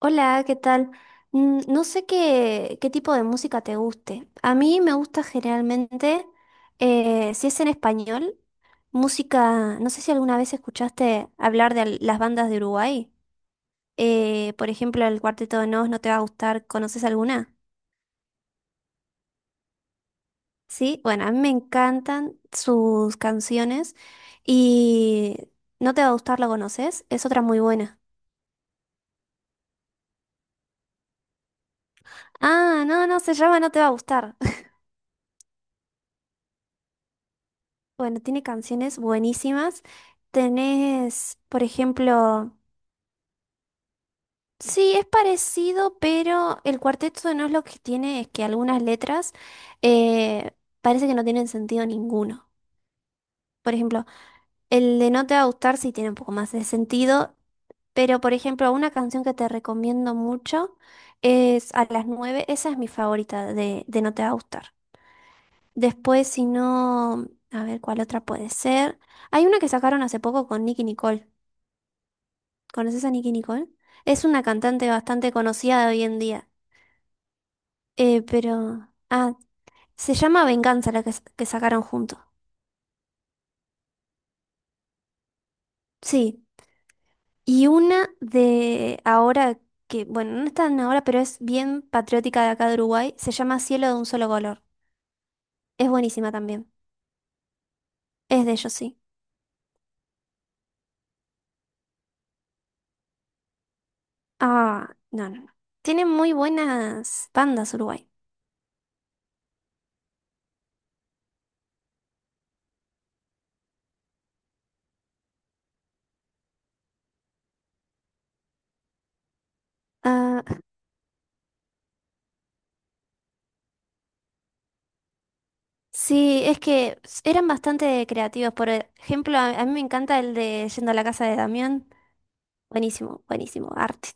Hola, ¿qué tal? No sé qué tipo de música te guste. A mí me gusta generalmente, si es en español, música, no sé si alguna vez escuchaste hablar de las bandas de Uruguay. Por ejemplo, el Cuarteto de Nos, ¿no te va a gustar? ¿Conoces alguna? Sí, bueno, a mí me encantan sus canciones y ¿no te va a gustar? ¿La conoces? Es otra muy buena. Ah, no, no, se llama No te va a gustar. Bueno, tiene canciones buenísimas. Tenés, por ejemplo, sí, es parecido, pero el Cuarteto no, es lo que tiene es que algunas letras eh, parece que no tienen sentido ninguno. Por ejemplo, el de No te va a gustar sí tiene un poco más de sentido, pero por ejemplo, una canción que te recomiendo mucho es A las 9, esa es mi favorita de No te va a gustar. Después, si no, a ver cuál otra puede ser. Hay una que sacaron hace poco con Nicki Nicole. ¿Conoces a Nicki Nicole? Es una cantante bastante conocida de hoy en día. Pero. Ah, se llama Venganza la que sacaron juntos. Sí. Y una de ahora, que, bueno, no es tan ahora, pero es bien patriótica de acá de Uruguay, se llama Cielo de un solo color. Es buenísima también. Es de ellos, sí. Ah, no, no, no. Tienen muy buenas bandas Uruguay. Ah, sí, es que eran bastante creativos. Por ejemplo, a mí me encanta el de Yendo a la casa de Damián. Buenísimo, buenísimo, arte.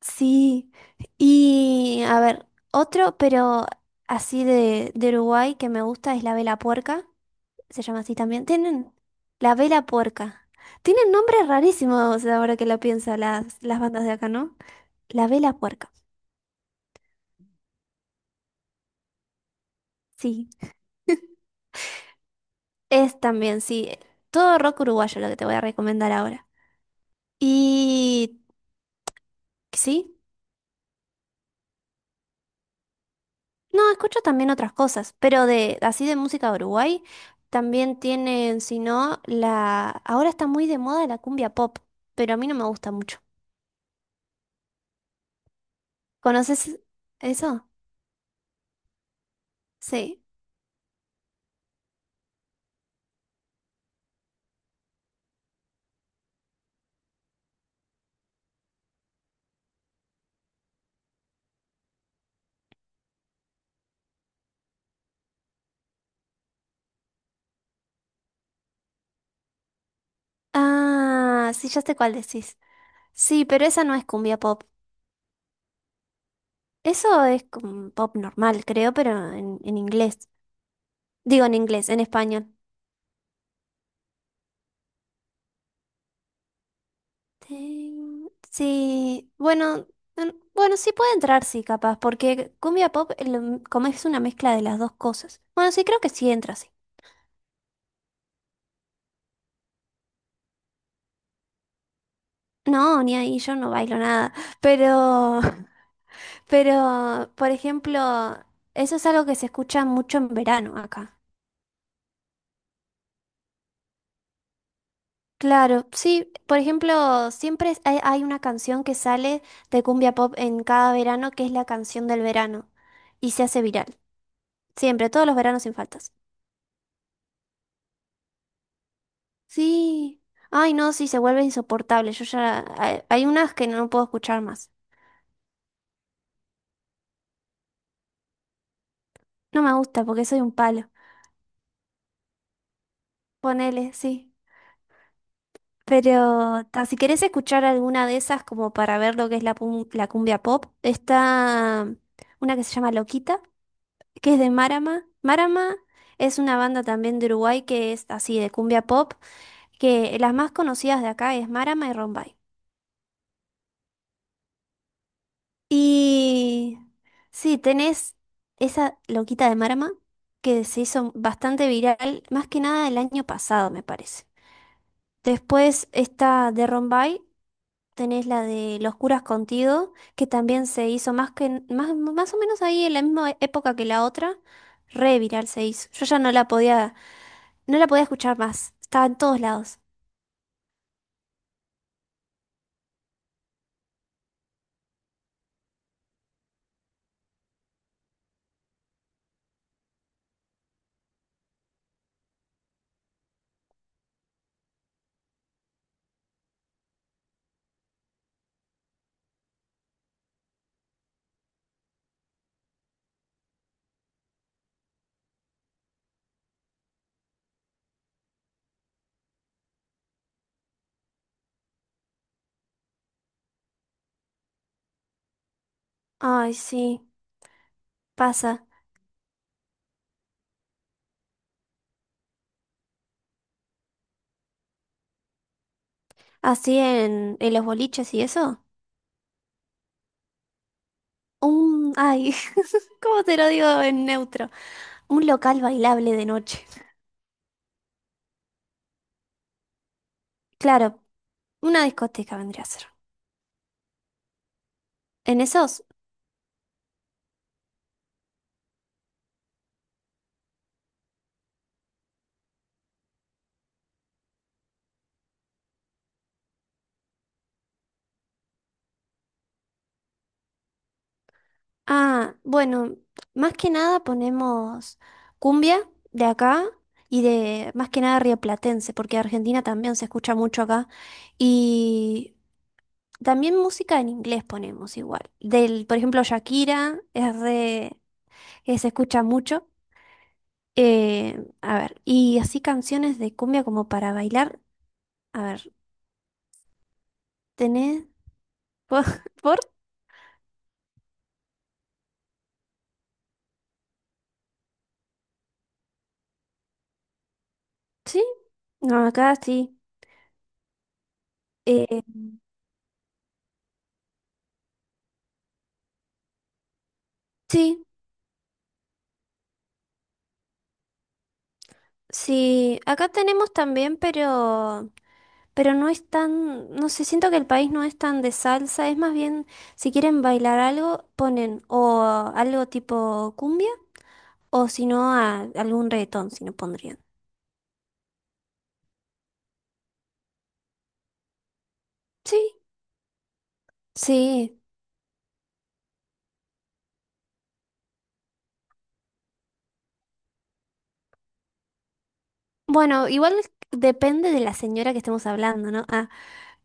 Sí, y a ver, otro, pero así de Uruguay que me gusta es la vela puerca, se llama así también. Tienen la vela puerca. Tienen nombres rarísimos ahora que lo pienso las bandas de acá, ¿no? La vela puerca, sí. Es también, sí. Todo rock uruguayo lo que te voy a recomendar ahora. Y sí. No, escucho también otras cosas, pero de así de música de Uruguay también tienen, si no, la ahora está muy de moda la cumbia pop, pero a mí no me gusta mucho. ¿Conoces eso? Sí. Ah, sí, ya sé cuál decís. Sí, pero esa no es cumbia pop. Eso es como pop normal, creo, pero en inglés. Digo en inglés, en español. Sí, bueno, mm, bueno, sí puede entrar, sí, capaz, porque cumbia pop, como es una mezcla de las dos cosas. Bueno, sí, creo que sí entra, sí. No, ni ahí, yo no bailo nada, pero, pero, por ejemplo, eso es algo que se escucha mucho en verano acá. Claro, sí, por ejemplo, siempre hay, hay una canción que sale de cumbia pop en cada verano, que es la canción del verano, y se hace viral, siempre, todos los veranos sin faltas. Sí. Ay, no, sí, se vuelve insoportable. Yo ya. Hay unas que no puedo escuchar más. No me gusta porque soy un palo. Ponele, sí. Pero ta, si querés escuchar alguna de esas como para ver lo que es la cumbia pop, está una que se llama Loquita, que es de Marama. Marama es una banda también de Uruguay que es así de cumbia pop, que las más conocidas de acá es Marama y Rombay. Y sí, tenés esa loquita de Marama que se hizo bastante viral, más que nada el año pasado, me parece. Después está de Rombay, tenés la de Los curas contigo, que también se hizo más, más o menos ahí en la misma época que la otra, re viral se hizo. Yo ya no la podía, no la podía escuchar más, estaba en todos lados. Ay, sí, pasa. Así en los boliches y eso. Un, ay, ¿cómo te lo digo en neutro? Un local bailable de noche. Claro, una discoteca vendría a ser. En esos, ah, bueno, más que nada ponemos cumbia de acá y de más que nada rioplatense, porque Argentina también se escucha mucho acá. Y también música en inglés ponemos igual. Del, por ejemplo, Shakira es re, que se escucha mucho. A ver, y así canciones de cumbia como para bailar. A ver, ¿tenés? ¿Por? por- ¿Sí? No, acá sí. Eh, sí, sí. Acá tenemos también, pero no es tan, no sé, siento que el país no es tan de salsa, es más bien, si quieren bailar algo, ponen o algo tipo cumbia, o si no, algún reggaetón, si no pondrían. Sí, sí. Bueno, igual depende de la señora que estemos hablando, ¿no? Ah,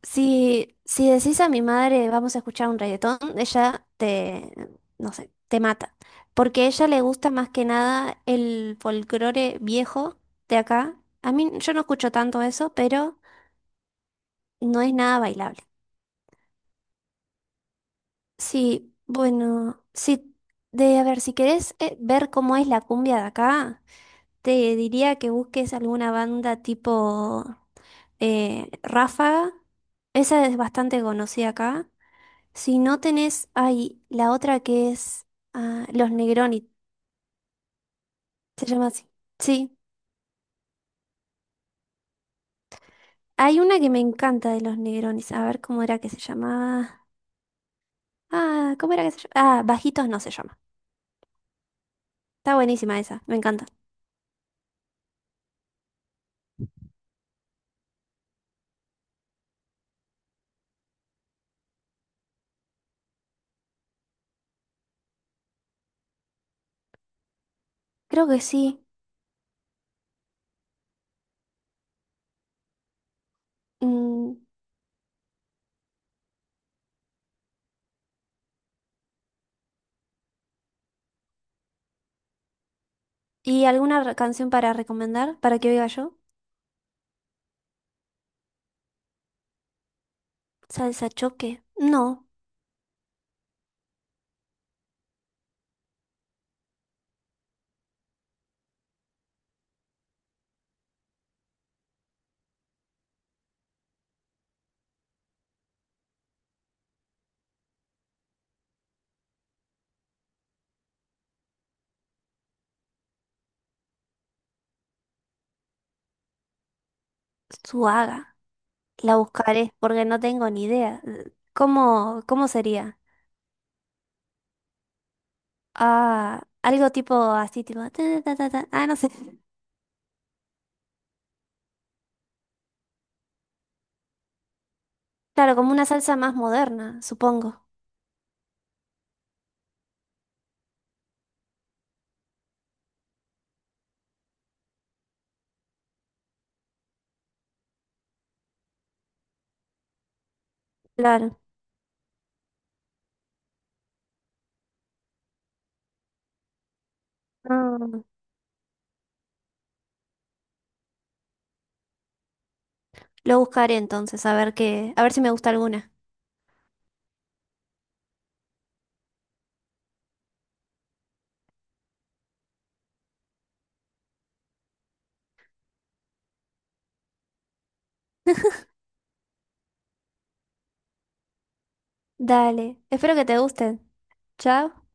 si, si decís a mi madre, vamos a escuchar un reggaetón, ella te, no sé, te mata. Porque a ella le gusta más que nada el folclore viejo de acá. A mí, yo no escucho tanto eso, pero no es nada bailable. Sí, bueno, sí, de a ver, si querés ver cómo es la cumbia de acá, te diría que busques alguna banda tipo Ráfaga. Esa es bastante conocida acá. Si no tenés, hay la otra que es ah, Los Negroni, se llama así. Sí, hay una que me encanta de Los Negronis. A ver cómo era que se llamaba. Ah, ¿cómo era que se llamaba? Ah, Bajitos no se llama. Está buenísima esa, me encanta. Creo que sí. Mm, ¿Y alguna canción para recomendar para que oiga yo? Salsa choque. No, Suaga. La buscaré porque no tengo ni idea. ¿Cómo sería? Ah, algo tipo así, tipo... ta, ta, ta, ta. Ah, no sé. Claro, como una salsa más moderna, supongo. Claro. Ah, lo buscaré entonces, a ver qué, a ver si me gusta alguna. Dale, espero que te gusten. Chao.